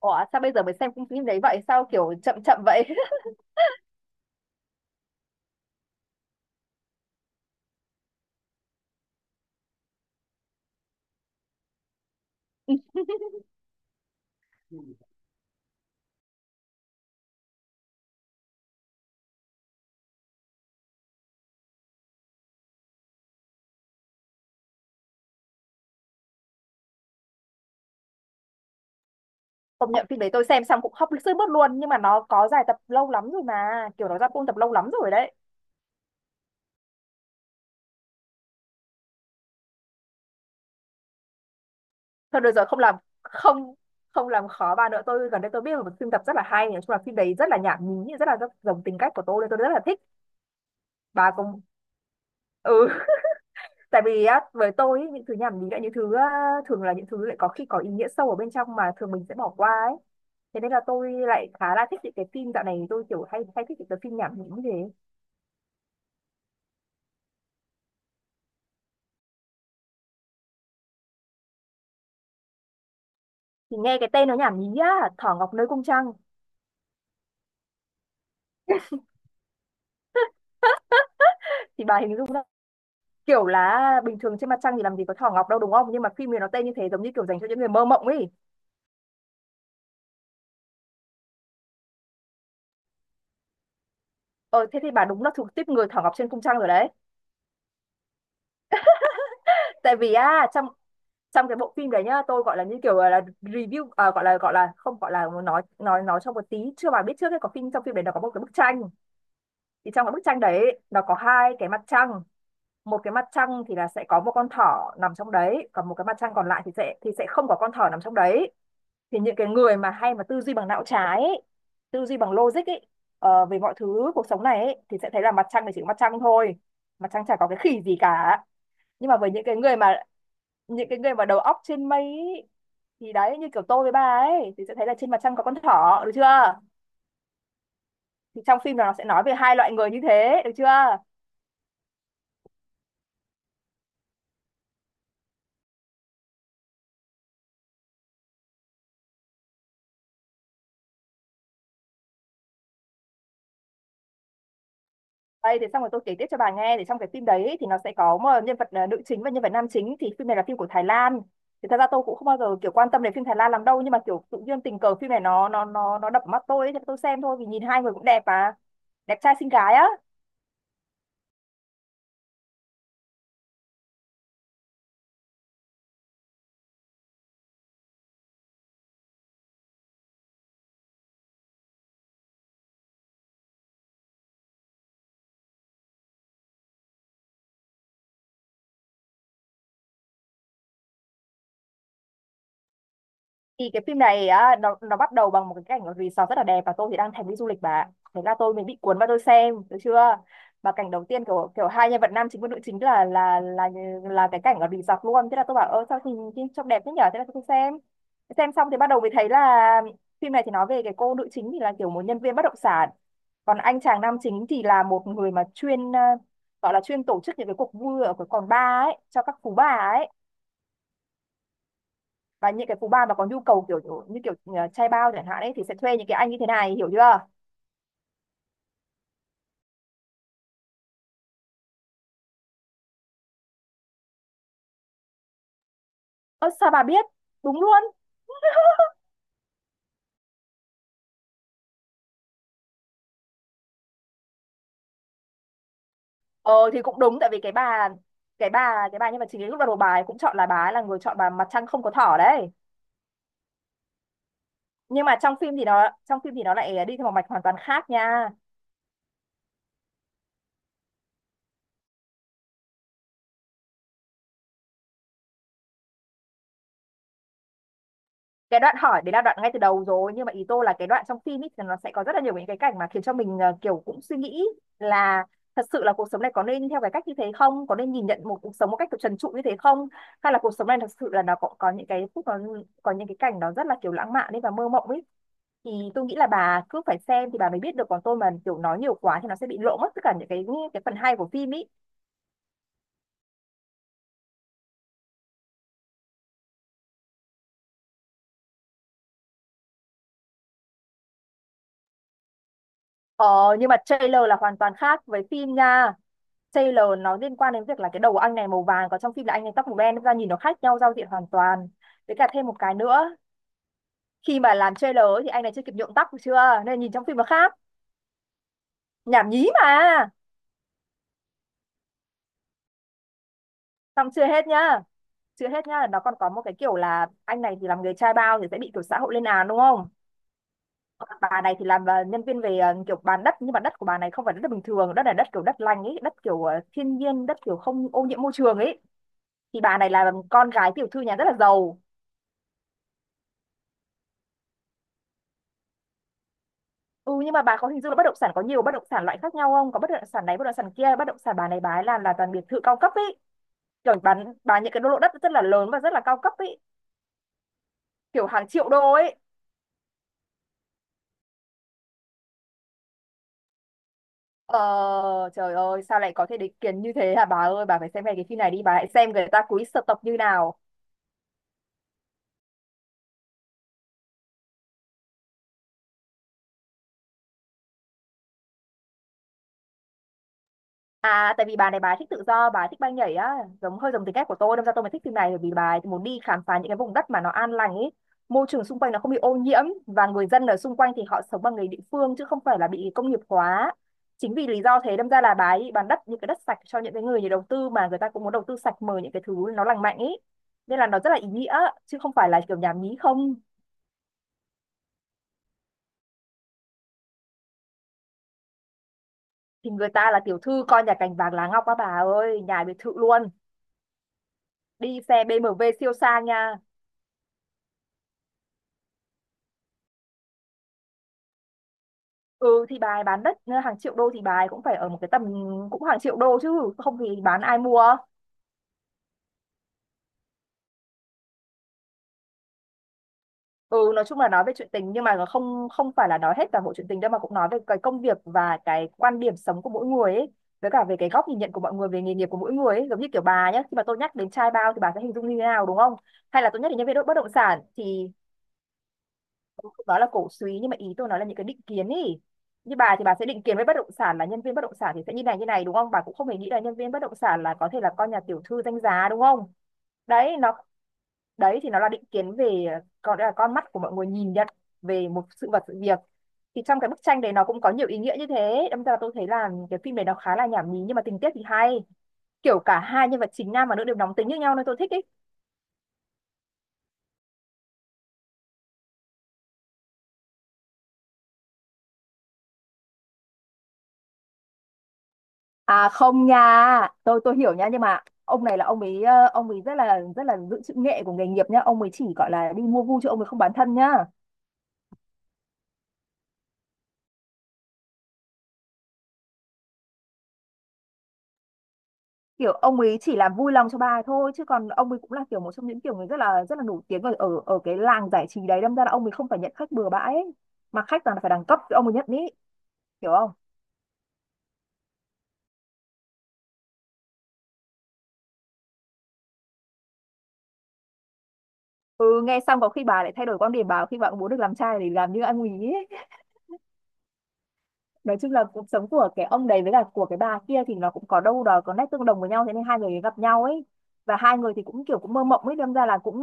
Ủa, sao bây giờ mới xem phim phim đấy vậy? Sao kiểu chậm chậm vậy? Công nhận phim đấy tôi xem xong cũng khóc sướt mướt luôn, nhưng mà nó có dài tập lâu lắm rồi mà, kiểu nó ra full tập lâu lắm rồi đấy. Thôi được rồi, không làm, không, không làm khó bà nữa. Tôi gần đây tôi biết là một phim tập rất là hay. Nói chung là phim đấy rất là nhảm nhí, rất là rất giống tính cách của tôi nên tôi rất là thích. Bà cũng? Ừ. Tại vì á, với tôi ý, những thứ nhảm nhí là những thứ á, thường là những thứ lại có khi có ý nghĩa sâu ở bên trong mà thường mình sẽ bỏ qua ấy. Thế nên là tôi lại khá là thích những cái phim, dạo này tôi kiểu hay hay thích những cái phim nhảm nhí như thế. Thì nghe cái tên nó nhảm nhí á, Thỏ Ngọc nơi cung trăng. Thì bà hình dung ra, kiểu là bình thường trên mặt trăng thì làm gì có Thỏ Ngọc đâu, đúng không? Nhưng mà phim này nó tên như thế, giống như kiểu dành cho những người mơ mộng ấy. Ờ Thế thì bà đúng là thuộc tiếp người Thỏ Ngọc trên cung trăng rồi đấy. Tại vì á, trong trong cái bộ phim đấy nhá, tôi gọi là như kiểu là review à, gọi là không, gọi là muốn nói trong một tí, chưa bà biết trước ấy. Có phim, trong phim đấy nó có một cái bức tranh, thì trong cái bức tranh đấy nó có hai cái mặt trăng. Một cái mặt trăng thì là sẽ có một con thỏ nằm trong đấy, còn một cái mặt trăng còn lại thì sẽ không có con thỏ nằm trong đấy. Thì những cái người mà hay mà tư duy bằng não trái ấy, tư duy bằng logic ấy, về mọi thứ cuộc sống này ấy, thì sẽ thấy là mặt trăng thì chỉ có mặt trăng thôi, mặt trăng chả có cái khỉ gì cả. Nhưng mà với những cái người mà đầu óc trên mây ấy, thì đấy, như kiểu tôi với bà ấy, thì sẽ thấy là trên mặt trăng có con thỏ, được chưa? Thì trong phim là nó sẽ nói về hai loại người như thế, được chưa? Đây, thì xong rồi tôi kể tiếp cho bà nghe. Thì trong cái phim đấy thì nó sẽ có một nhân vật nữ chính và nhân vật nam chính. Thì phim này là phim của Thái Lan. Thì thật ra tôi cũng không bao giờ kiểu quan tâm đến phim Thái Lan lắm đâu, nhưng mà kiểu tự nhiên tình cờ phim này nó đập vào mắt tôi ấy, thì tôi xem thôi vì nhìn hai người cũng đẹp mà, đẹp trai xinh gái á. Thì cái phim này á, nó bắt đầu bằng một cái cảnh ở resort rất là đẹp, và tôi thì đang thèm đi du lịch bà ạ. Thế là mình bị cuốn vào, tôi xem được chưa. Và cảnh đầu tiên kiểu kiểu hai nhân vật nam chính và nữ chính là cái cảnh ở resort luôn. Thế là tôi bảo, ơ sao nhìn nhìn trông đẹp thế nhở. Thế là tôi xem xong thì bắt đầu mới thấy là phim này thì nói về cái cô nữ chính thì là kiểu một nhân viên bất động sản, còn anh chàng nam chính thì là một người mà chuyên gọi là chuyên tổ chức những cái cuộc vui ở cái quán bar ấy cho các phú bà ấy. Và những cái phú bà mà có nhu cầu kiểu như trai bao chẳng hạn ấy, thì sẽ thuê những cái anh như thế này, hiểu chưa? Ơ sao bà biết? Đúng luôn. Ờ thì cũng đúng, tại vì cái bà nhưng mà chính ấy, lúc đầu bà ấy cũng chọn, là bà ấy là người chọn bà mặt trăng không có thỏ đấy. Nhưng mà trong phim thì nó lại đi theo một mạch hoàn toàn khác nha. Cái đoạn hỏi đấy là đoạn ngay từ đầu rồi, nhưng mà ý tôi là cái đoạn trong phim ấy thì nó sẽ có rất là nhiều những cái cảnh mà khiến cho mình kiểu cũng suy nghĩ là thật sự là cuộc sống này có nên theo cái cách như thế không, có nên nhìn nhận một cuộc sống một cách kiểu trần trụi như thế không, hay là cuộc sống này thật sự là nó có những cái phút nó có những cái cảnh nó rất là kiểu lãng mạn đấy và mơ mộng ấy. Thì tôi nghĩ là bà cứ phải xem thì bà mới biết được, còn tôi mà kiểu nói nhiều quá thì nó sẽ bị lộ mất tất cả những cái phần hay của phim ý. Ờ, nhưng mà trailer là hoàn toàn khác với phim nha. Trailer nó liên quan đến việc là cái đầu của anh này màu vàng, còn trong phim là anh này tóc màu đen, ra nhìn nó khác nhau giao diện hoàn toàn. Với cả thêm một cái nữa, khi mà làm trailer ấy thì anh này chưa kịp nhuộm tóc được chưa, nên nhìn trong phim nó khác. Nhảm nhí mà. Xong chưa hết nhá. Chưa hết nhá, nó còn có một cái kiểu là anh này thì làm người trai bao thì sẽ bị kiểu xã hội lên án, đúng không? Bà này thì làm nhân viên về kiểu bán đất, nhưng mà đất của bà này không phải đất bình thường, đất là đất kiểu đất lành ấy, đất kiểu thiên nhiên, đất kiểu không ô nhiễm môi trường ấy. Thì bà này là con gái tiểu thư nhà rất là giàu. Ừ, nhưng mà bà có hình dung là bất động sản có nhiều bất động sản loại khác nhau không, có bất động sản này, bất động sản kia, bất động sản bà này bà ấy làm là toàn biệt thự cao cấp ấy, kiểu bán bà những cái lô đất rất là lớn và rất là cao cấp ấy, kiểu hàng triệu đô ấy. ờ Trời ơi sao lại có thể định kiến như thế hả bà ơi, bà phải xem ngay cái phim này đi, bà hãy xem người ta cúi sợ tộc như nào. À tại vì bà này bà ấy thích tự do, bà ấy thích bay nhảy á, hơi giống tính cách của tôi, đâm ra tôi mới thích phim này, bởi vì bà ấy muốn đi khám phá những cái vùng đất mà nó an lành ấy, môi trường xung quanh nó không bị ô nhiễm và người dân ở xung quanh thì họ sống bằng nghề địa phương chứ không phải là bị công nghiệp hóa. Chính vì lý do thế, đâm ra là bà ấy bán đất, những cái đất sạch cho những cái người nhà đầu tư mà người ta cũng muốn đầu tư sạch, mời những cái thứ nó lành mạnh ấy. Nên là nó rất là ý nghĩa chứ không phải là kiểu nhảm nhí không. Thì người ta là tiểu thư coi nhà cành vàng lá ngọc á bà ơi, nhà biệt thự luôn. Đi xe BMW siêu sang nha. Ừ thì bà ấy bán đất hàng triệu đô thì bà ấy cũng phải ở một cái tầm cũng hàng triệu đô, chứ không thì bán ai mua? Ừ, nói chung là nói về chuyện tình, nhưng mà không không phải là nói hết toàn bộ chuyện tình đâu, mà cũng nói về cái công việc và cái quan điểm sống của mỗi người ấy, với cả về cái góc nhìn nhận của mọi người về nghề nghiệp của mỗi người ấy. Giống như kiểu bà nhé, khi mà tôi nhắc đến trai bao thì bà sẽ hình dung như thế nào, đúng không? Hay là tôi nhắc đến nhân viên bất động sản thì đó là cổ súy? Nhưng mà ý tôi nói là những cái định kiến ý. Như bà thì bà sẽ định kiến với bất động sản là nhân viên bất động sản thì sẽ như này như này, đúng không? Bà cũng không hề nghĩ là nhân viên bất động sản là có thể là con nhà tiểu thư danh giá, đúng không? Đấy nó, đấy thì nó là định kiến về, còn là con mắt của mọi người nhìn nhận về một sự vật sự việc. Thì trong cái bức tranh đấy nó cũng có nhiều ý nghĩa như thế, đâm ra tôi thấy là cái phim này nó khá là nhảm nhí, nhưng mà tình tiết thì hay. Kiểu cả hai nhân vật chính nam và nữ đều nóng tính như nhau nên tôi thích ý. À không nha, tôi hiểu nha, nhưng mà ông này là ông ấy ông ấy rất là giữ chữ nghệ của nghề nghiệp nhá, ông ấy chỉ gọi là đi mua vui chứ ông ấy không bán thân nhá. Kiểu ông ấy chỉ làm vui lòng cho bà ấy thôi, chứ còn ông ấy cũng là kiểu một trong những kiểu người rất là nổi tiếng ở ở cái làng giải trí đấy, đâm ra là ông ấy không phải nhận khách bừa bãi ấy. Mà khách toàn là phải đẳng cấp thì ông ấy nhận ý, hiểu không? Ừ, nghe xong có khi bà lại thay đổi quan điểm bà, khi bà cũng muốn được làm trai thì làm như anh ấy. Nói chung là cuộc sống của cái ông đấy với cả của cái bà kia thì nó cũng có đâu đó có nét tương đồng với nhau, thế nên hai người gặp nhau ấy. Và hai người thì cũng kiểu cũng mơ mộng ấy, đâm ra là cũng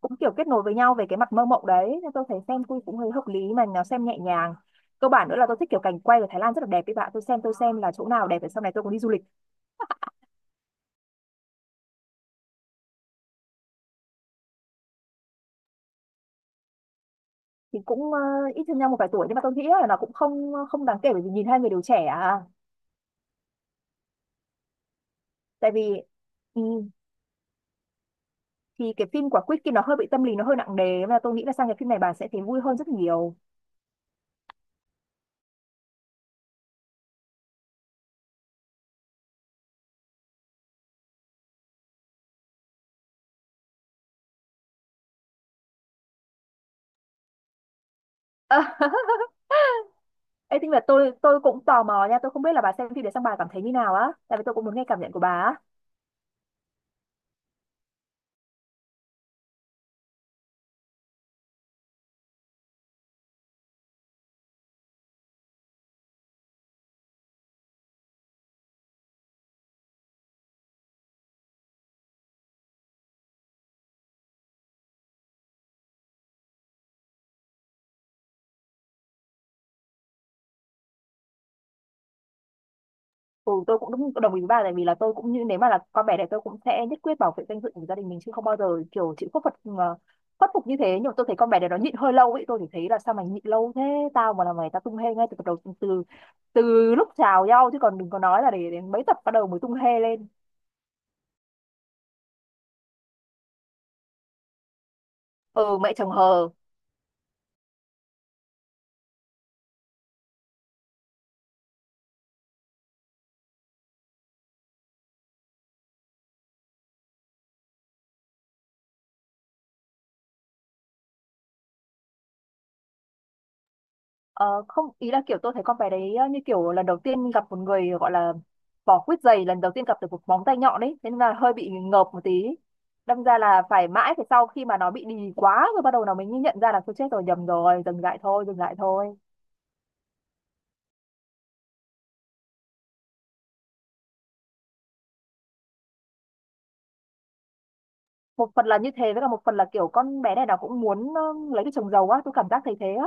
cũng kiểu kết nối với nhau về cái mặt mơ mộng đấy, nên tôi thấy xem cũng cũng hơi hợp lý mà nó xem nhẹ nhàng. Cơ bản nữa là tôi thích kiểu cảnh quay của Thái Lan rất là đẹp ấy, bạn tôi xem, tôi xem là chỗ nào đẹp để sau này tôi cũng đi du lịch. Thì cũng ít hơn nhau một vài tuổi, nhưng mà tôi nghĩ là nó cũng không không đáng kể, bởi vì nhìn hai người đều trẻ à. Tại vì ừ, thì cái phim của Quýt kia nó hơi bị tâm lý, nó hơi nặng nề, nên là tôi nghĩ là sang cái phim này bà sẽ thấy vui hơn rất nhiều. Ờ, Ê, tính là tôi cũng tò mò nha, tôi không biết là bà xem phim để xong bà cảm thấy như nào á, tại vì tôi cũng muốn nghe cảm nhận của bà á. Ừ, tôi cũng đúng đồng ý với bà, tại vì là tôi cũng như nếu mà là con bé này, tôi cũng sẽ nhất quyết bảo vệ danh dự của gia đình mình, chứ không bao giờ kiểu chịu khuất phục khuất phục như thế. Nhưng mà tôi thấy con bé này nó nhịn hơi lâu ấy, tôi thì thấy là sao mày nhịn lâu thế. Tao mà là mày tao tung hê ngay từ tập đầu, từ từ lúc chào nhau, chứ còn đừng có nói là để đến mấy tập bắt đầu mới tung hê lên. Ừ, mẹ chồng hờ. Ờ, không ý là kiểu tôi thấy con bé đấy như kiểu lần đầu tiên gặp một người gọi là vỏ quýt dày lần đầu tiên gặp được một móng tay nhọn ấy, thế nên là hơi bị ngợp một tí. Đâm ra là phải mãi phải sau khi mà nó bị đì quá rồi, bắt đầu nó mới nhận ra là tôi chết rồi, nhầm rồi, dừng lại thôi, dừng lại thôi. Một phần là như thế, với cả một phần là kiểu con bé này nó cũng muốn lấy cái chồng giàu á, tôi cảm giác thấy thế á.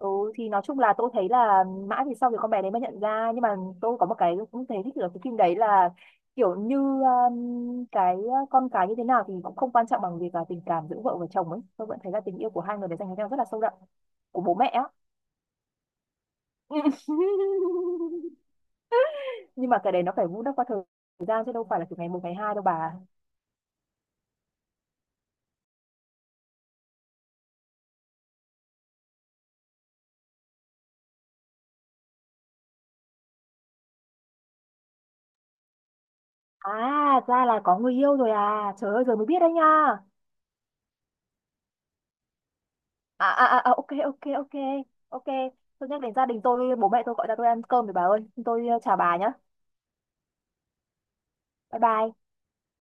Ừ, thì nói chung là tôi thấy là mãi thì sau thì con bé đấy mới nhận ra, nhưng mà tôi có một cái cũng thấy thích ở cái phim đấy là kiểu như cái con cái như thế nào thì cũng không quan trọng bằng việc là tình cảm giữa vợ và chồng ấy, tôi vẫn thấy là tình yêu của hai người đấy dành cho nhau rất là sâu đậm, của bố mẹ á. Nhưng mà cái đấy nó phải vun đắp qua thời gian, chứ đâu phải là từ ngày một ngày hai đâu bà. À ra là có người yêu rồi à, trời ơi giờ mới biết đấy nha. À à à à, ok ok ok, ok. Tôi nhắc đến gia đình tôi, bố mẹ tôi gọi ra tôi ăn cơm rồi. Bà ơi, tôi chào bà nhá. Bye bye.